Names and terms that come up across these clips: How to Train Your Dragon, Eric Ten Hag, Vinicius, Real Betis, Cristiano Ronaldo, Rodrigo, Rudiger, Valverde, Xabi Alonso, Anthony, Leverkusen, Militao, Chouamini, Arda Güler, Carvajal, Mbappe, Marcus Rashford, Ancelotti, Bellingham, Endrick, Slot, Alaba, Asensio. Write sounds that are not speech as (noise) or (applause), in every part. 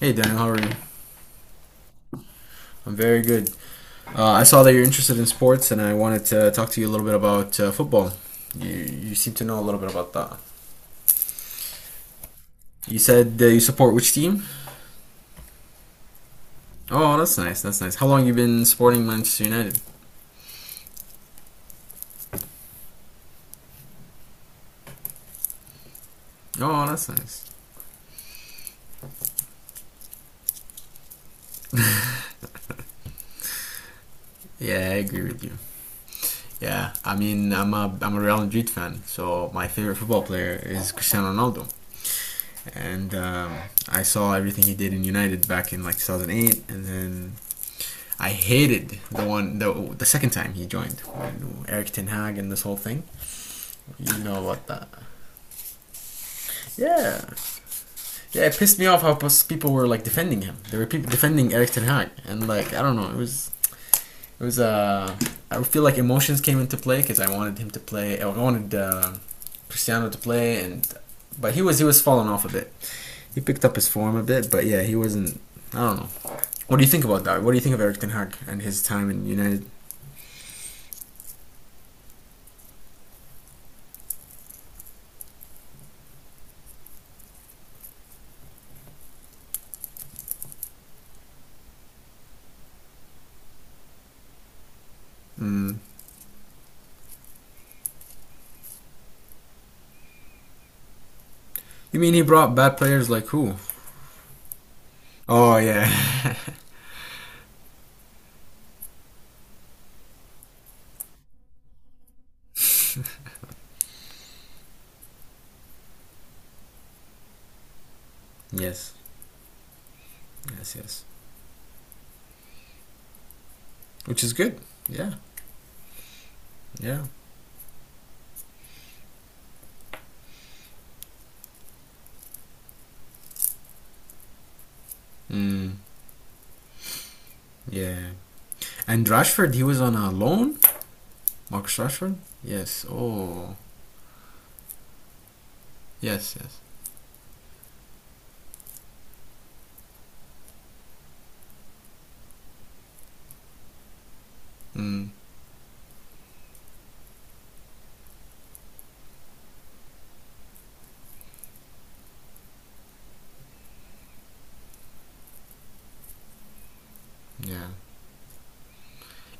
Hey, Daniel, how are you? I'm very good. I saw that you're interested in sports, and I wanted to talk to you a little bit about football. You seem to know a little bit about that. You said you support which team? Oh, that's nice. That's nice. How long have you been supporting Manchester United? Oh, that's nice. Yeah, I agree with you. Yeah, I mean, I'm a Real Madrid fan, so my favorite football player is Cristiano Ronaldo, and I saw everything he did in United back in like 2008, and then I hated the one the second time he joined when Eric Ten Hag and this whole thing. You know about that? Yeah, yeah. It pissed me off how people were like defending him. They were defending Eric Ten Hag, and like I don't know, it was. I feel like emotions came into play because I wanted him to play. I wanted Cristiano to play, and but he was falling off a bit. He picked up his form a bit, but yeah, he wasn't. I don't know. What do you think about that? What do you think of Eric Ten Hag and his time in United? Mm. You mean he brought bad players like who? Oh yeah. Yes. Yes. Yes. Which is good. Yeah. Yeah. Mm, yeah. And Rashford, he was on a loan. Marcus Rashford. Yes. Oh. Yes. Yes. Mm, yeah.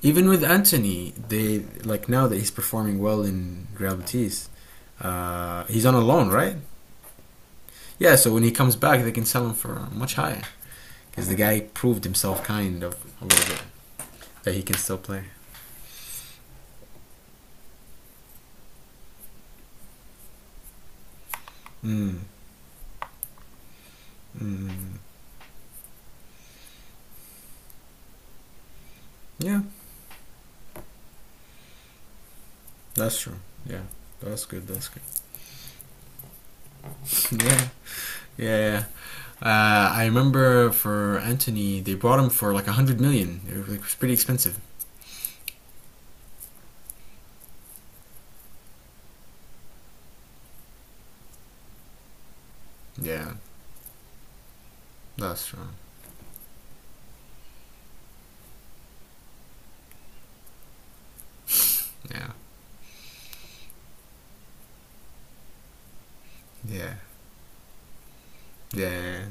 Even with Anthony, they like now that he's performing well in Real Betis, he's on a loan, right? Yeah. So when he comes back, they can sell him for much higher because the guy proved himself kind of a little bit that he can still play. Mm, mm, mm. Yeah. That's true. Yeah. That's good. That's good. (laughs) yeah. Yeah. I remember for Anthony, they brought him for like 100 million. It was, like, pretty expensive. Yeah. That's true. Yeah. Yeah. Yeah.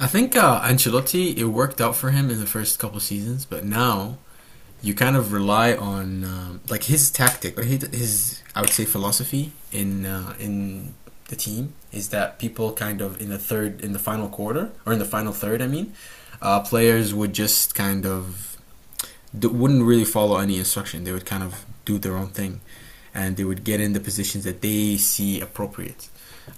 I think Ancelotti, it worked out for him in the first couple seasons, but now you kind of rely on like his tactic or his I would say philosophy in in the team is that people kind of in the third in the final quarter or in the final third I mean players would just kind of wouldn't really follow any instruction. They would kind of do their own thing, and they would get in the positions that they see appropriate.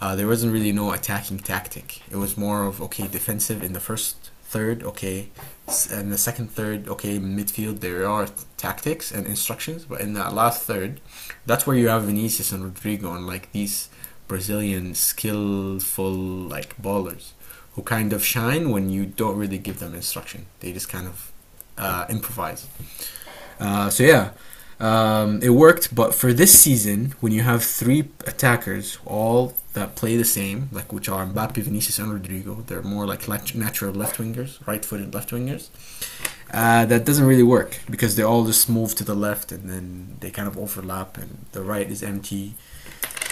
There wasn't really no attacking tactic. It was more of okay, defensive in the first third, okay, and the second third, okay, midfield. There are tactics and instructions, but in that last third, that's where you have Vinicius and Rodrigo and like these Brazilian skillful like ballers who kind of shine when you don't really give them instruction. They just kind of improvise. So yeah, it worked. But for this season, when you have three attackers all that play the same, like which are Mbappe, Vinicius, and Rodrigo, they're more like natural left wingers, right-footed left wingers. That doesn't really work because they all just move to the left and then they kind of overlap, and the right is empty.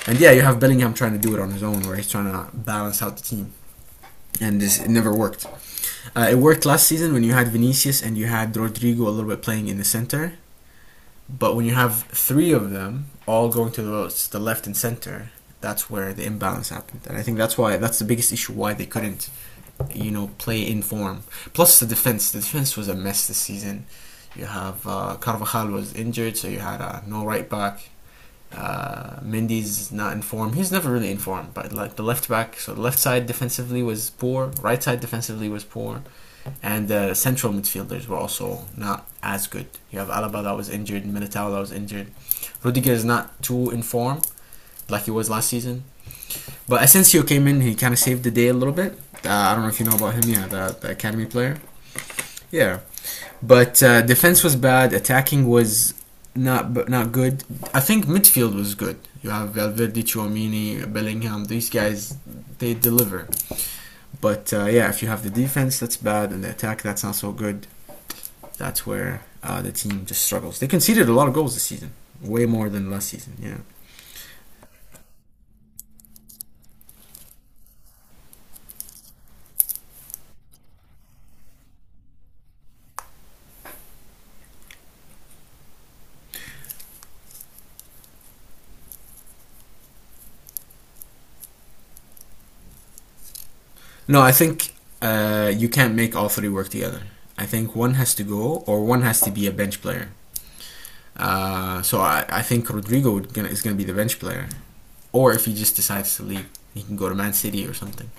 And yeah, you have Bellingham trying to do it on his own, where he's trying to balance out the team and this it never worked. It worked last season when you had Vinicius and you had Rodrigo a little bit playing in the center, but when you have three of them all going to the votes, the left and center, that's where the imbalance happened. And I think that's why that's the biggest issue why they couldn't, you know, play in form. Plus the defense. The defense was a mess this season. You have Carvajal was injured, so you had no right back. Mindy's not in form. He's never really in form, but like the left back, so the left side defensively was poor, right side defensively was poor. And the central midfielders were also not as good. You have Alaba that was injured, Militao that was injured. Rudiger is not too in form like he was last season. But Asensio came in, he kind of saved the day a little bit. I don't know if you know about him, yeah, the academy player. Yeah. But defense was bad, attacking was not good. I think midfield was good. You have Valverde, Chouamini, Bellingham. These guys, they deliver. But yeah, if you have the defense that's bad and the attack that's not so good, that's where the team just struggles. They conceded a lot of goals this season, way more than last season. Yeah. No, I think you can't make all three work together. I think one has to go, or one has to be a bench player. So I think Rodrigo is going to be the bench player, or if he just decides to leave, he can go to Man City or something,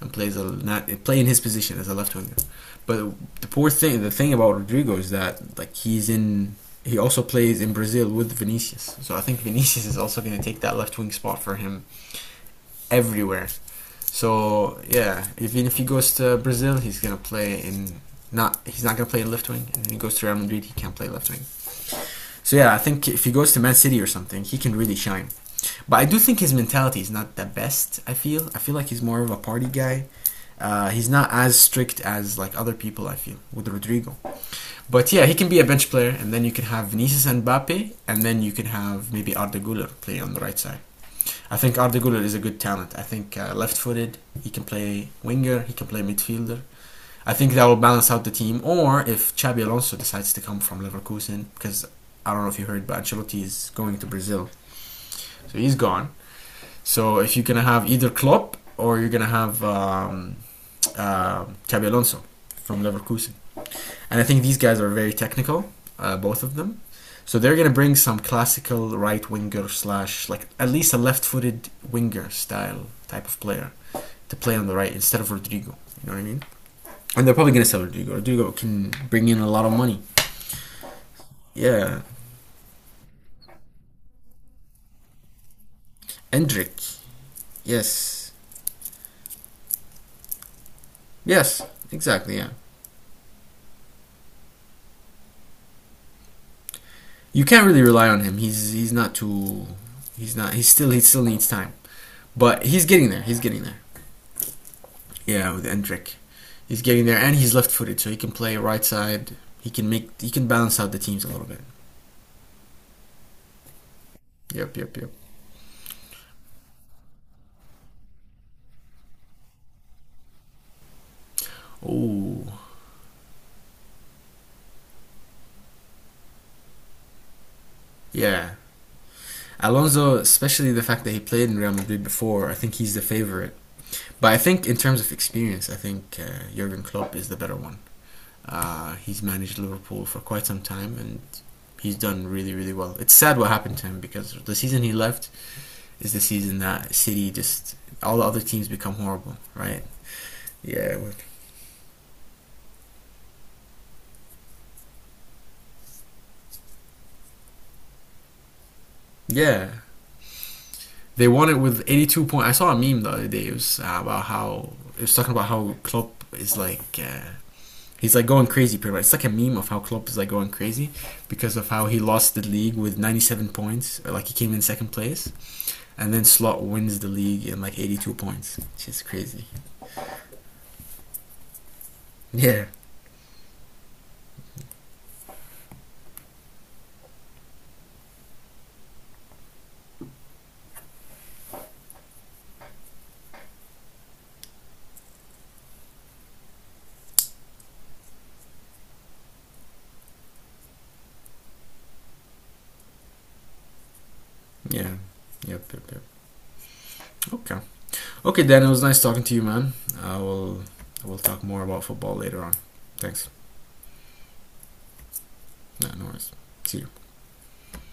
and plays a not play in his position as a left winger. But the poor thing, the thing about Rodrigo is that like he's in. He also plays in Brazil with Vinicius, so I think Vinicius is also going to take that left wing spot for him everywhere. So yeah, even if he goes to Brazil, he's going to play in not. He's not going to play in left wing, and if he goes to Real Madrid, he can't play left wing. So yeah, I think if he goes to Man City or something, he can really shine. But I do think his mentality is not the best. I feel like he's more of a party guy. He's not as strict as like other people. I feel with Rodrigo. But yeah, he can be a bench player, and then you can have Vinicius and Mbappe, and then you can have maybe Arda Güler play on the right side. I think Arda Güler is a good talent. I think left-footed. He can play winger. He can play midfielder. I think that will balance out the team. Or if Xabi Alonso decides to come from Leverkusen, because I don't know if you heard, but Ancelotti is going to Brazil, so he's gone. So if you're gonna have either Klopp or you're gonna have Xabi Alonso from Leverkusen, and I think these guys are very technical, both of them. So they're gonna bring some classical right winger slash like at least a left-footed winger style type of player to play on the right instead of Rodrigo. You know what I mean? And they're probably gonna sell Rodrigo. Rodrigo can bring in a lot of money. Yeah, Endrick. Yes. Yes. Exactly. Yeah. You can't really rely on him. He's not too. He's not. He's still. He still needs time, but he's getting there. He's getting there. Yeah, with Endrick, he's getting there, and he's left-footed, so he can play right side. He can make. He can balance out the teams a little bit. Yep, yep, yep. Oh, yeah. Alonso, especially the fact that he played in Real Madrid before, I think he's the favorite. But I think in terms of experience, I think Jurgen Klopp is the better one. He's managed Liverpool for quite some time and he's done really, really well. It's sad what happened to him because the season he left is the season that City just all the other teams become horrible, right? Yeah, yeah. They won it with 82 points. I saw a meme the other day. It was about how it was talking about how Klopp is like he's like going crazy. Pretty much, it's like a meme of how Klopp is like going crazy because of how he lost the league with 97 points. Or like he came in second place. And then Slot wins the league in like 82 points. It's just crazy. Yeah. Yeah. Yep, yep, yep. Okay. Okay, Dan, it was nice talking to you, man. I will I will talk more about football later on. Thanks. No, no worries. See you.